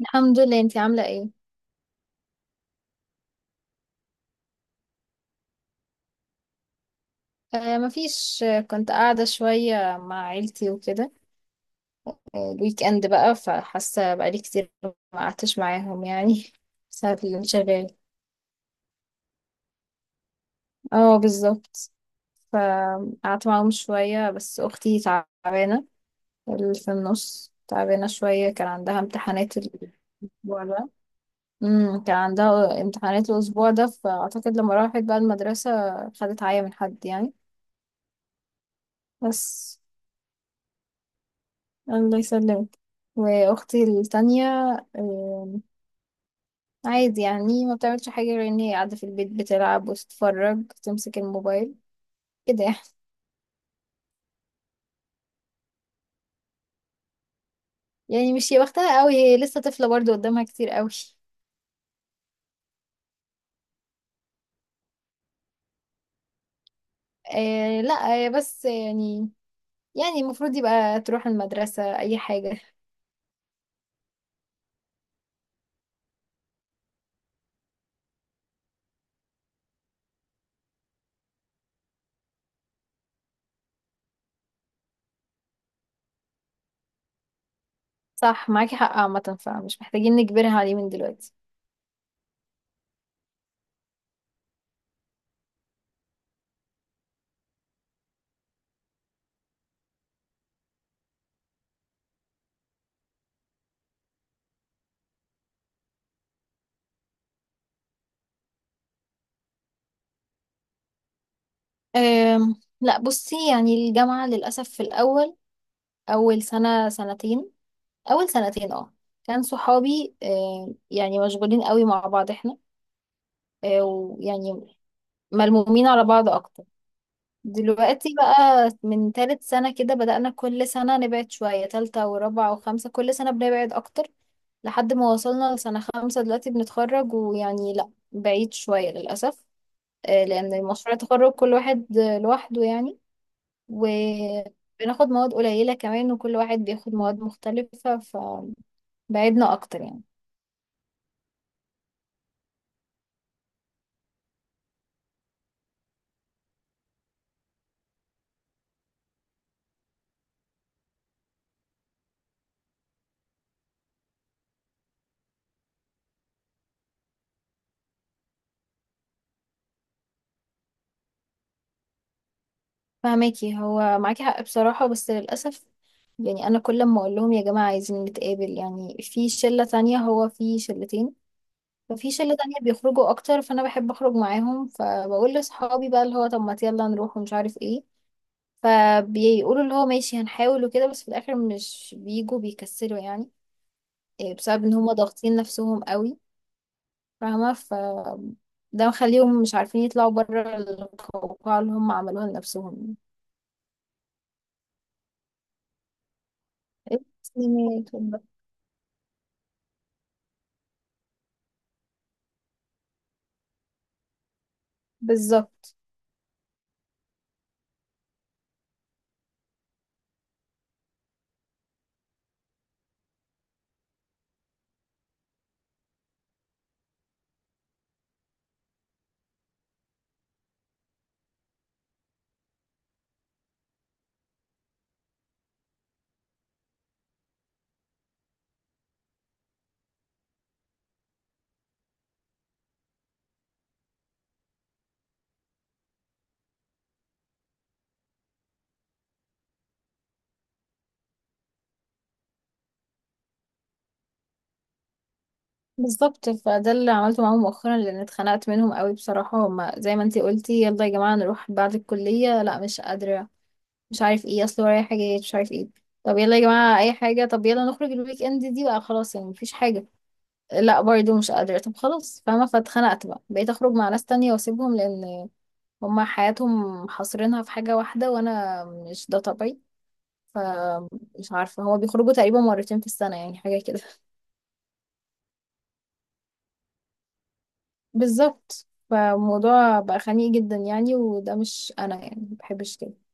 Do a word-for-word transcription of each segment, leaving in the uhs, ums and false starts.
الحمد لله، انتي عاملة ايه؟ آه مفيش. آه، كنت قاعدة شوية مع عيلتي وكده. آه الويك اند بقى، فحاسة بقالي كتير ما قعدتش معاهم يعني بسبب الانشغال. اه بالظبط. فقعدت معاهم شوية، بس اختي تعبانة، اللي في النص تعبانة شوية، كان عندها امتحانات الاسبوع ده. امم كان عندها امتحانات الاسبوع ده، فاعتقد لما راحت بقى المدرسة خدت عيا من حد يعني. بس الله يسلمك. واختي التانية آم، عادي، يعني ما بتعملش حاجة غير ان هي قاعدة في البيت بتلعب وتتفرج، تمسك الموبايل كده يعني. يعني مش هي وقتها قوي، هي لسه طفلة برضه، قدامها كتير قوي. آه لا هي بس يعني، يعني المفروض يبقى تروح المدرسة اي حاجة. صح، معاكي حق عامة، فمش محتاجين نجبرها عليه من دلوقتي. آم، لا بصي، يعني الجامعة للأسف في الأول، أول سنة سنتين اول سنتين اه، كان صحابي آه، يعني مشغولين قوي مع بعض احنا، آه، ويعني ملمومين على بعض اكتر. دلوقتي بقى من تالت سنة كده بدأنا كل سنة نبعد شوية، تالتة ورابعة وخمسة، كل سنة بنبعد اكتر، لحد ما وصلنا لسنة خمسة دلوقتي بنتخرج، ويعني لا، بعيد شوية للأسف. آه، لأن مشروع التخرج كل واحد آه، لوحده يعني، وبناخد مواد قليلة كمان، وكل واحد بياخد مواد مختلفة، فبعدنا أكتر يعني. فهماكي، هو معاكي حق بصراحة، بس للأسف يعني، أنا كل ما أقول لهم يا جماعة عايزين نتقابل يعني، في شلة تانية، هو في شلتين، ففي شلة تانية بيخرجوا أكتر، فأنا بحب أخرج معاهم، فبقول لأصحابي بقى اللي هو طب ما يلا نروح ومش عارف إيه، فبيقولوا اللي هو ماشي هنحاول وكده، بس في الآخر مش بيجوا، بيكسلوا يعني. إيه، بسبب إن هما ضاغطين نفسهم قوي. فاهمة؟ ف ده مخليهم مش عارفين يطلعوا بره القوقعة اللي هم عملوها لنفسهم يعني. بالظبط. بالظبط فده اللي عملته معاهم مؤخرا، لان اتخنقت منهم قوي بصراحه، هما زي ما انتي قلتي، يلا يا جماعه نروح بعد الكليه، لا مش قادره مش عارف ايه، اصل ورايا حاجات مش عارف ايه. طب يلا يا جماعه اي حاجه، طب يلا نخرج الويك اند دي بقى، خلاص يعني مفيش حاجه، لا برضه مش قادره. طب خلاص فاهمه، فاتخنقت بقى، بقيت اخرج مع ناس تانية واسيبهم، لان هما حياتهم حاصرينها في حاجه واحده، وانا مش ده طبيعي. فمش عارفه، هما بيخرجوا تقريبا مرتين في السنه، يعني حاجه كده. بالظبط، فالموضوع بقى خنيق جدا يعني، وده مش انا، يعني ما بحبش كده.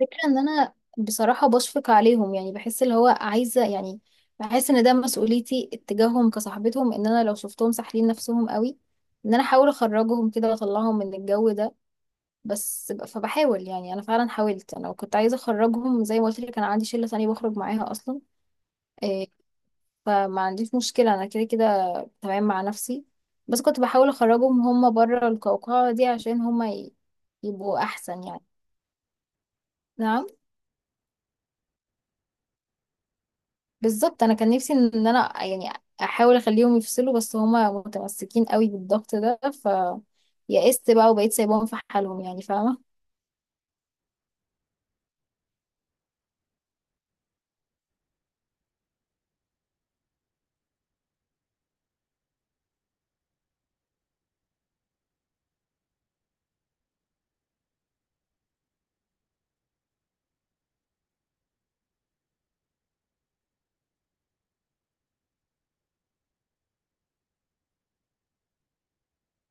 فكرة ان انا بصراحة بشفق عليهم، يعني بحس اللي هو عايزة يعني، بحس ان ده مسؤوليتي اتجاههم كصاحبتهم، ان انا لو شفتهم ساحلين نفسهم قوي، ان انا احاول اخرجهم كده واطلعهم من الجو ده. بس ب- فبحاول يعني، انا فعلا حاولت، انا كنت عايزة اخرجهم، زي ما قلت لك انا عندي شلة تانية بخرج معاها اصلا. إيه، فما عنديش مشكلة انا، كده كده تمام مع نفسي، بس كنت بحاول اخرجهم هم بره القوقعة دي، عشان هم ي- يبقوا احسن يعني. نعم. بالظبط، انا كان نفسي ان انا يعني احاول اخليهم يفصلوا، بس هم متمسكين قوي بالضغط ده، ف يئست بقى وبقيت سايباهم في حالهم، يعني فاهمة.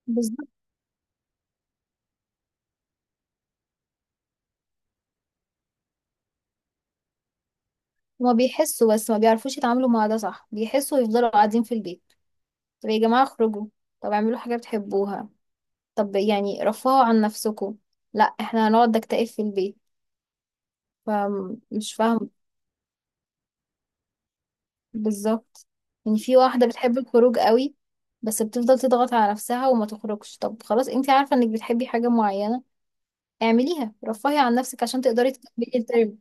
بالظبط، هما بيحسوا بس ما بيعرفوش يتعاملوا مع ده صح، بيحسوا ويفضلوا قاعدين في البيت. طب يا جماعة اخرجوا، طب اعملوا حاجة بتحبوها، طب يعني رفهوا عن نفسكم، لا احنا هنقعد نكتئب في البيت. فمش فاهمة. بالظبط، يعني في واحدة بتحب الخروج قوي، بس بتفضل تضغط على نفسها وما تخرجش، طب خلاص انت عارفة انك بتحبي حاجة معينة، اعمليها، رفهي عن نفسك عشان تقدري تكملي الترم.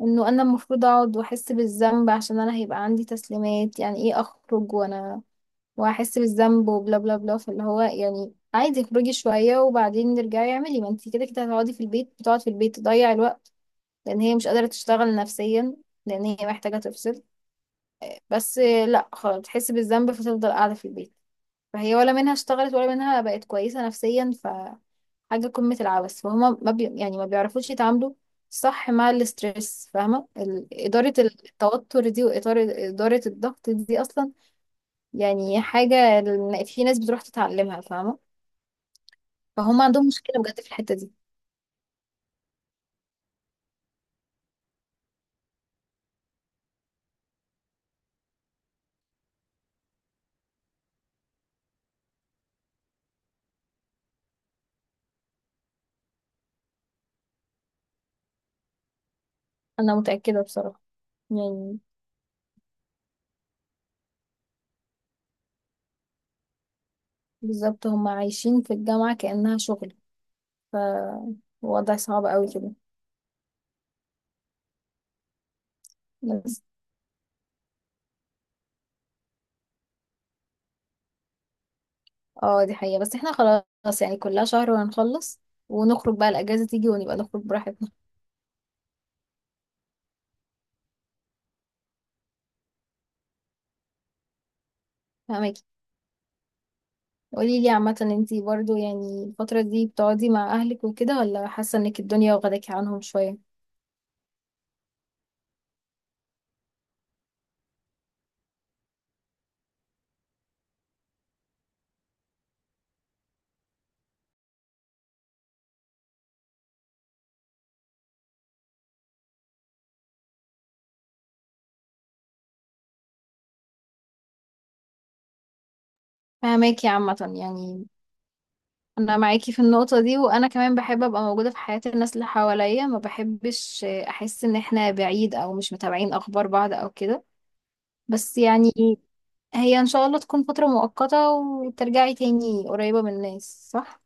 انه انا المفروض اقعد واحس بالذنب، عشان انا هيبقى عندي تسليمات، يعني ايه اخرج وانا واحس بالذنب وبلا بلا بلا، فاللي هو يعني عادي، اخرجي شوية وبعدين نرجعي، اعملي، ما انت كده كده هتقعدي في البيت، بتقعد في البيت تضيع الوقت، لان هي مش قادرة تشتغل نفسيا، لان هي محتاجة تفصل، بس لا خلاص تحس بالذنب فتفضل قاعدة في البيت. فهي ولا منها اشتغلت، ولا منها بقت كويسة نفسيا، فحاجة قمة العبث، فهما ما بي... يعني ما بيعرفوش يتعاملوا صح مع الاسترس، فاهمة؟ ال- إدارة التوتر دي، وإدارة إدارة الضغط دي أصلا، يعني حاجة ال- في ناس بتروح تتعلمها فاهمة، فهم عندهم مشكلة بجد في الحتة دي. أنا متأكدة بصراحة يعني، بالظبط، هم عايشين في الجامعة كأنها شغل، فوضع صعب قوي كده بس. اه دي حقيقة، بس احنا خلاص يعني كلها شهر وهنخلص، ونخرج بقى الأجازة تيجي، ونبقى نخرج براحتنا. فاهماكي، قولي لي عامة انتي برضو يعني الفترة دي بتقعدي مع أهلك وكده، ولا حاسة انك الدنيا واخداكي عنهم شوية؟ فاهماكي عامة يعني، أنا معاكي في النقطة دي، وأنا كمان بحب أبقى موجودة في حياة الناس اللي حواليا، ما بحبش أحس إن احنا بعيد، أو مش متابعين أخبار بعض أو كده. بس يعني هي إن شاء الله تكون فترة مؤقتة، وترجعي تاني قريبة من الناس صح؟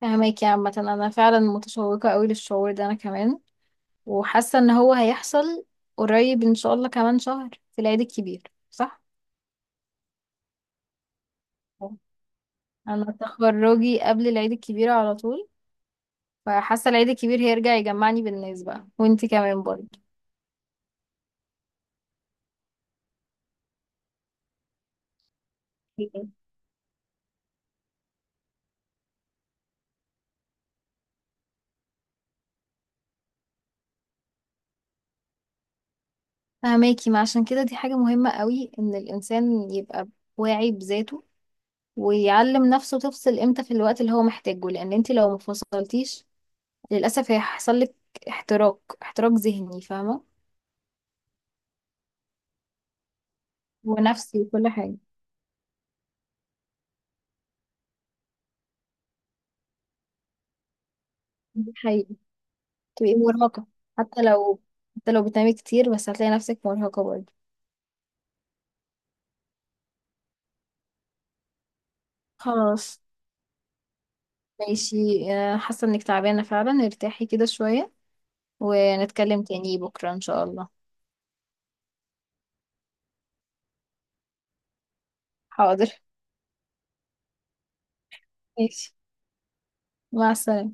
فهماكي عامة، أنا فعلا متشوقة قوي للشعور ده أنا كمان، وحاسة إن هو هيحصل قريب إن شاء الله، كمان شهر في العيد الكبير صح؟ أه. أنا تخرجي قبل العيد الكبير على طول، فحاسة العيد الكبير هيرجع يجمعني بالناس بقى، وانتي كمان برضه. أوكي. فهماكي، ما عشان كده دي حاجة مهمة قوي، إن الإنسان يبقى واعي بذاته، ويعلم نفسه تفصل إمتى في الوقت اللي هو محتاجه، لأن انتي لو مفصلتيش للأسف هيحصل لك احتراق احتراق ذهني فاهمة، ونفسي وكل حاجة. دي حقيقة، تبقي مرهقة، حتى لو حتى لو بتنامي كتير، بس هتلاقي نفسك مرهقة برضه. خلاص ماشي. آه، حاسة انك تعبانة فعلا، ارتاحي كده شوية، ونتكلم تاني بكرة ان شاء الله. حاضر ماشي، مع السلامة.